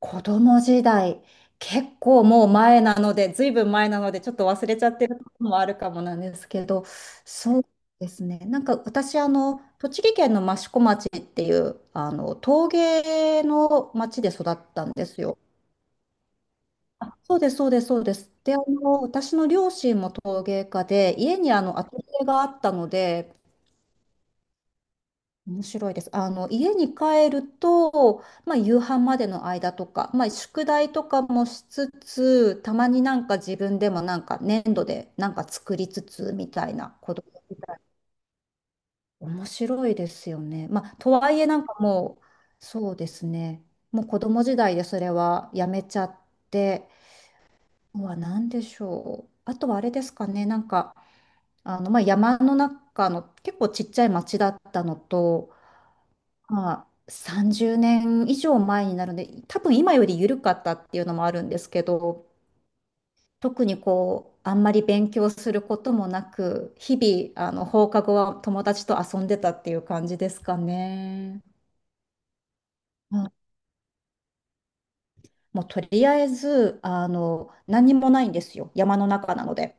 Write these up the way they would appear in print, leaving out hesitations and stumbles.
子供時代、結構もう前なので、ずいぶん前なので、ちょっと忘れちゃってることもあるかもなんですけど、そうですね。なんか私、栃木県の益子町っていう、陶芸の町で育ったんですよ。あ、そうです、そうです、そうです。で、私の両親も陶芸家で、家にアトリエがあったので、面白いです。家に帰ると、まあ、夕飯までの間とか、まあ、宿題とかもしつつ、たまになんか自分でもなんか粘土でなんか作りつつみたいなことみたい。面白いですよね。まあ、とはいえなんかもう、そうですね。もう子供時代でそれはやめちゃって、うわ、なんでしょう。あとはあれですかね、なんか、まあ、山の中の結構ちっちゃい町だったのと、まあ、30年以上前になるので、多分今より緩かったっていうのもあるんですけど、特にこう、あんまり勉強することもなく、日々、放課後は友達と遊んでたっていう感じですかね。うん、もうとりあえず、何にもないんですよ。山の中なので。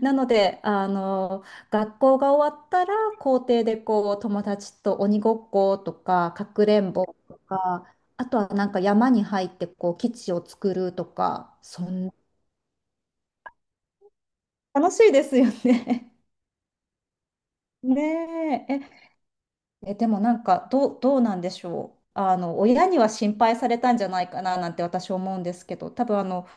なので、学校が終わったら、校庭でこう、友達と鬼ごっことか、かくれんぼとか、あとはなんか山に入ってこう、基地を作るとか、そん楽しいですよね。ねえ、でもなんかどうなんでしょう。親には心配されたんじゃないかななんて私思うんですけど、多分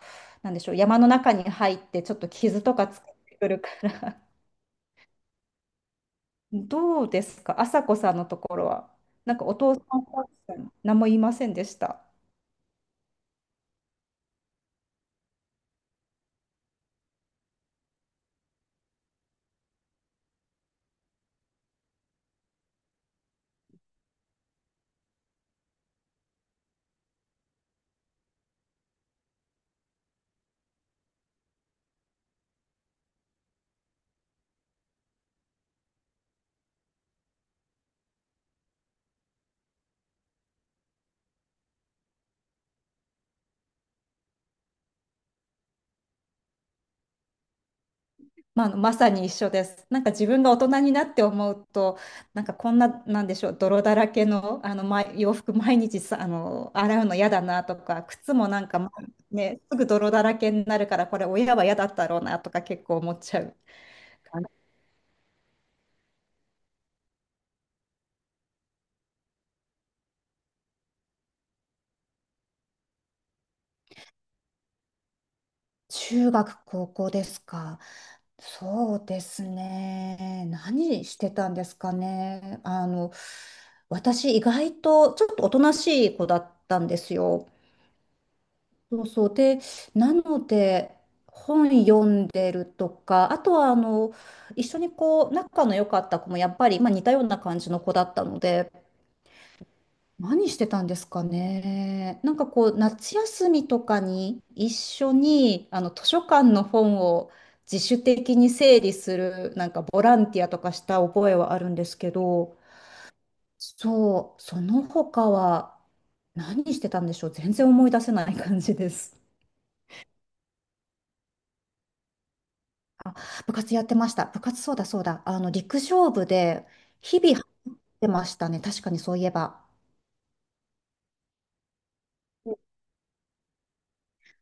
なんでしょう、山の中に入ってちょっと傷とかつけってくるから。どうですか、朝子さんのところは。なんかお父さん、お母さん、何も言いませんでした。まあ、あのまさに一緒です。なんか自分が大人になって思うと、なんかこんな、なんでしょう、泥だらけの、ま、洋服毎日さ、洗うの嫌だなとか、靴もなんか、まね、すぐ泥だらけになるから、これ親は嫌だったろうなとか結構思っちゃう。中学、高校ですか？そうですね。何してたんですかね。私意外とちょっとおとなしい子だったんですよ。そうそう。で、なので、本読んでるとか、あとは一緒にこう、仲の良かった子もやっぱり、まあ、似たような感じの子だったので、何してたんですかね。なんかこう、夏休みとかに一緒に、図書館の本を自主的に整理する、なんかボランティアとかした覚えはあるんですけど、そう、その他は何してたんでしょう。全然思い出せない感じです。あ、部活やってました。部活そうだそうだ。陸上部で日々入ってましたね。確かにそういえば。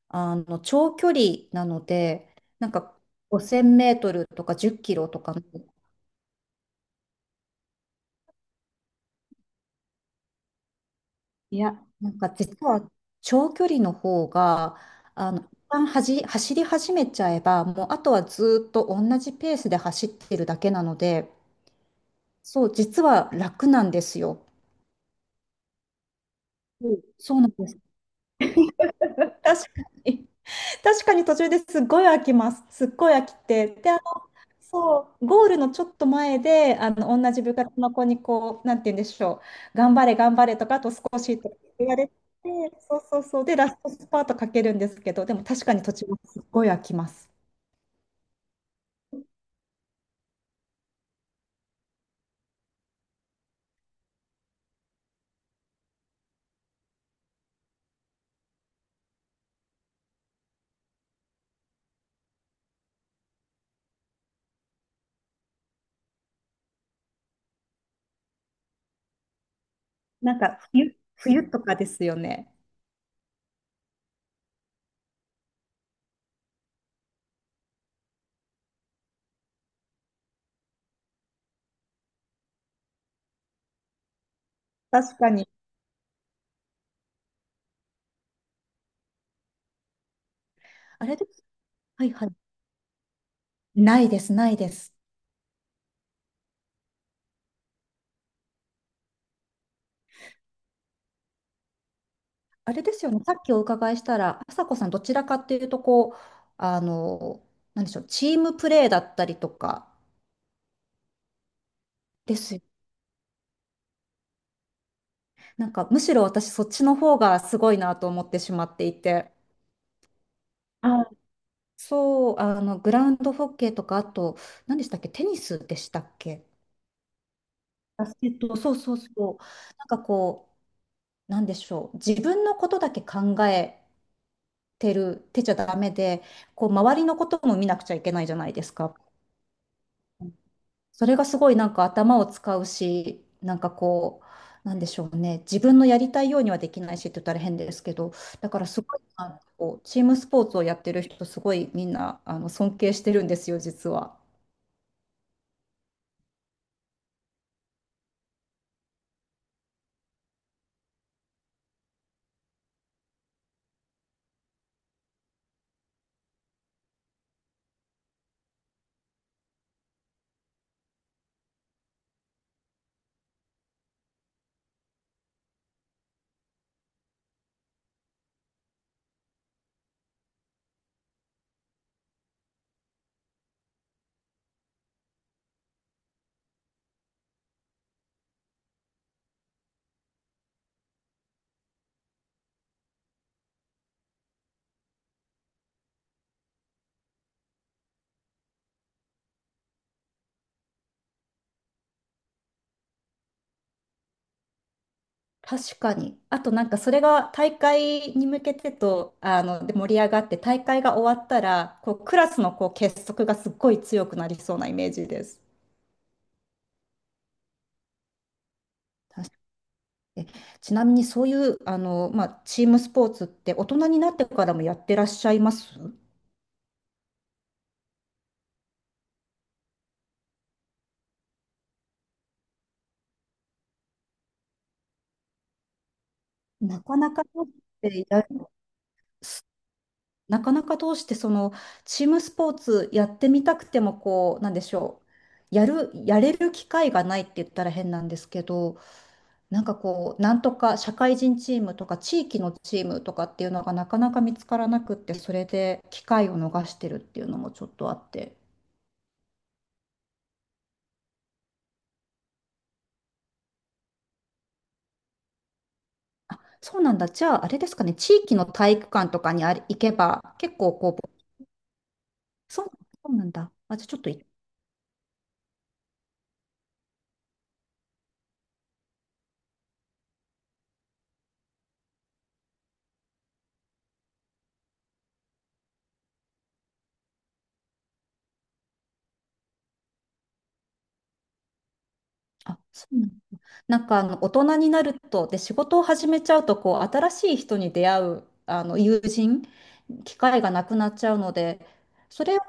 長距離なので、なんか5000メートルとか10キロとかの。いや、なんか実は長距離の方が、一旦、走り始めちゃえば、もうあとはずーっと同じペースで走ってるだけなので、そう、実は楽なんですよ。うん、そうなんです。確かに、確かに途中ですっごい飽きます。すっごい飽きて。でそう、ゴールのちょっと前で、同じ部活の子にこう、なんて言うんでしょう、頑張れ、頑張れとか、あと少しとか言われて、そうそうそう、で、ラストスパートかけるんですけど、でも確かに途中もすっごい飽きます。なんか冬とかですよね。確かに。あれです。はいはい。ないです、ないです。あれですよね、さっきお伺いしたら、朝子さん、どちらかっていうと、こう、あの、なんでしょう、チームプレーだったりとかですよね。なんかむしろ私そっちの方がすごいなと思ってしまっていて。あ、そう、グラウンドホッケーとか、あと、何でしたっけ、テニスでしたっけ。バスケット。そうそうそう。なんかこう、なんでしょう。自分のことだけ考えてる、てちゃダメで、こう、周りのことも見なくちゃいけないじゃないですか。それがすごいなんか頭を使うし、なんかこう、なんでしょうね、自分のやりたいようにはできないしって言ったら変ですけど、だからすごい、あのこうチームスポーツをやってる人、すごいみんなあの尊敬してるんですよ、実は。確かに。あとなんかそれが大会に向けてと、で盛り上がって、大会が終わったら、こうクラスのこう結束がすっごい強くなりそうなイメージです。えちなみにそういうまあ、チームスポーツって大人になってからもやってらっしゃいますなかなかどうしていらすなかなかどうしてそのチームスポーツやってみたくてもこうなんでしょう、やれる機会がないって言ったら変なんですけど、なんかこうなんとか社会人チームとか地域のチームとかっていうのがなかなか見つからなくって、それで機会を逃してるっていうのもちょっとあって。あ、そうなんだ。じゃあ、あれですかね。地域の体育館とかにあれ行けば、結構こう、そう、そうなんだ。あ、じゃあちょっとい、あ、そうなんだ。なんか大人になると、で、仕事を始めちゃうと、こう、新しい人に出会う、友人、機会がなくなっちゃうので、それを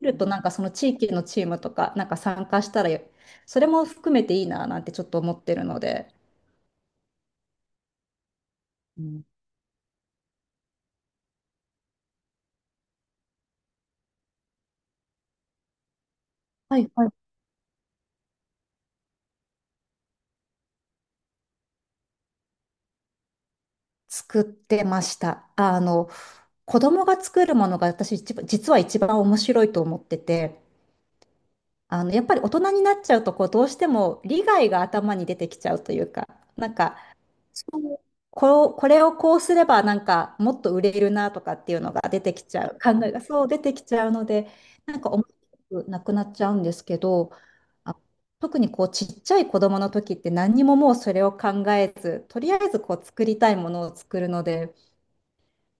見ると、なんかその地域のチームとか、なんか参加したら、それも含めていいな、なんてちょっと思ってるので。うん、はいはい。作ってました。子供が作るものが私一番、実は一番面白いと思ってて、やっぱり大人になっちゃうと、こう、どうしても利害が頭に出てきちゃうというか、なんか、そうこう、これをこうすれば、なんか、もっと売れるなとかっていうのが出てきちゃう、考えがそう出てきちゃうので、なんか面白くなくなっちゃうんですけど、あ、特にこう、ちっちゃい子供の時って何にももうそれを考えず、とりあえずこう、作りたいものを作るので、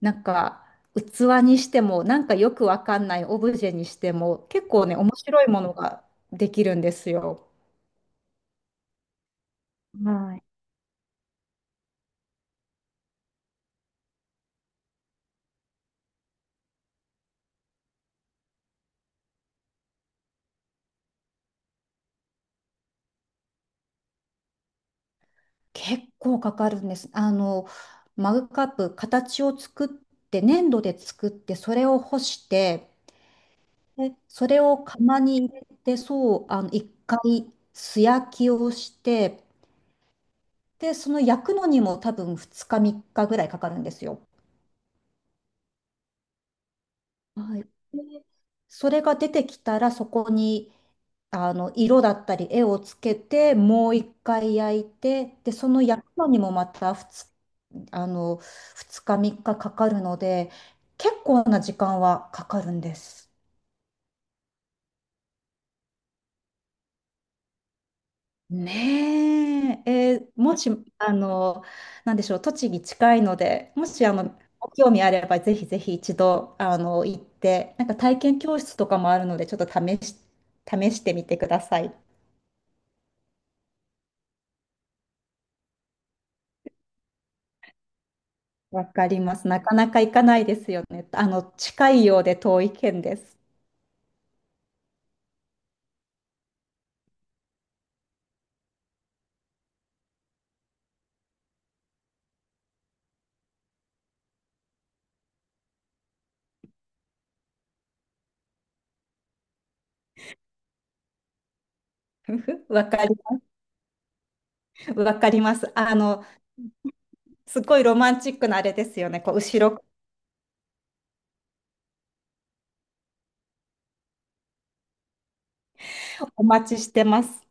なんか器にしてもなんかよくわかんないオブジェにしても結構ね面白いものができるんですよ。はい。結構かかるんです。マグカップ形を作って粘土で作ってそれを干して、でそれを釜に入れて、そう、あの一回素焼きをして、でその焼くのにも多分2日3日ぐらいかかるんですよ。はい。それが出てきたらそこに色だったり絵をつけて、もう一回焼いて、でその焼くのにもまた2、あの2日3日かかかるので結構な時間はかかるんです。ねえ、もしあのなんでしょう、栃木近いので、もしご興味あればぜひぜひ一度行って、なんか体験教室とかもあるのでちょっと試し、試してみてください。わかります。なかなか行かないですよね。近いようで遠い県です。わかり、わかります。すごいロマンチックなあれですよね。こう、後ろ。お待ちしてます。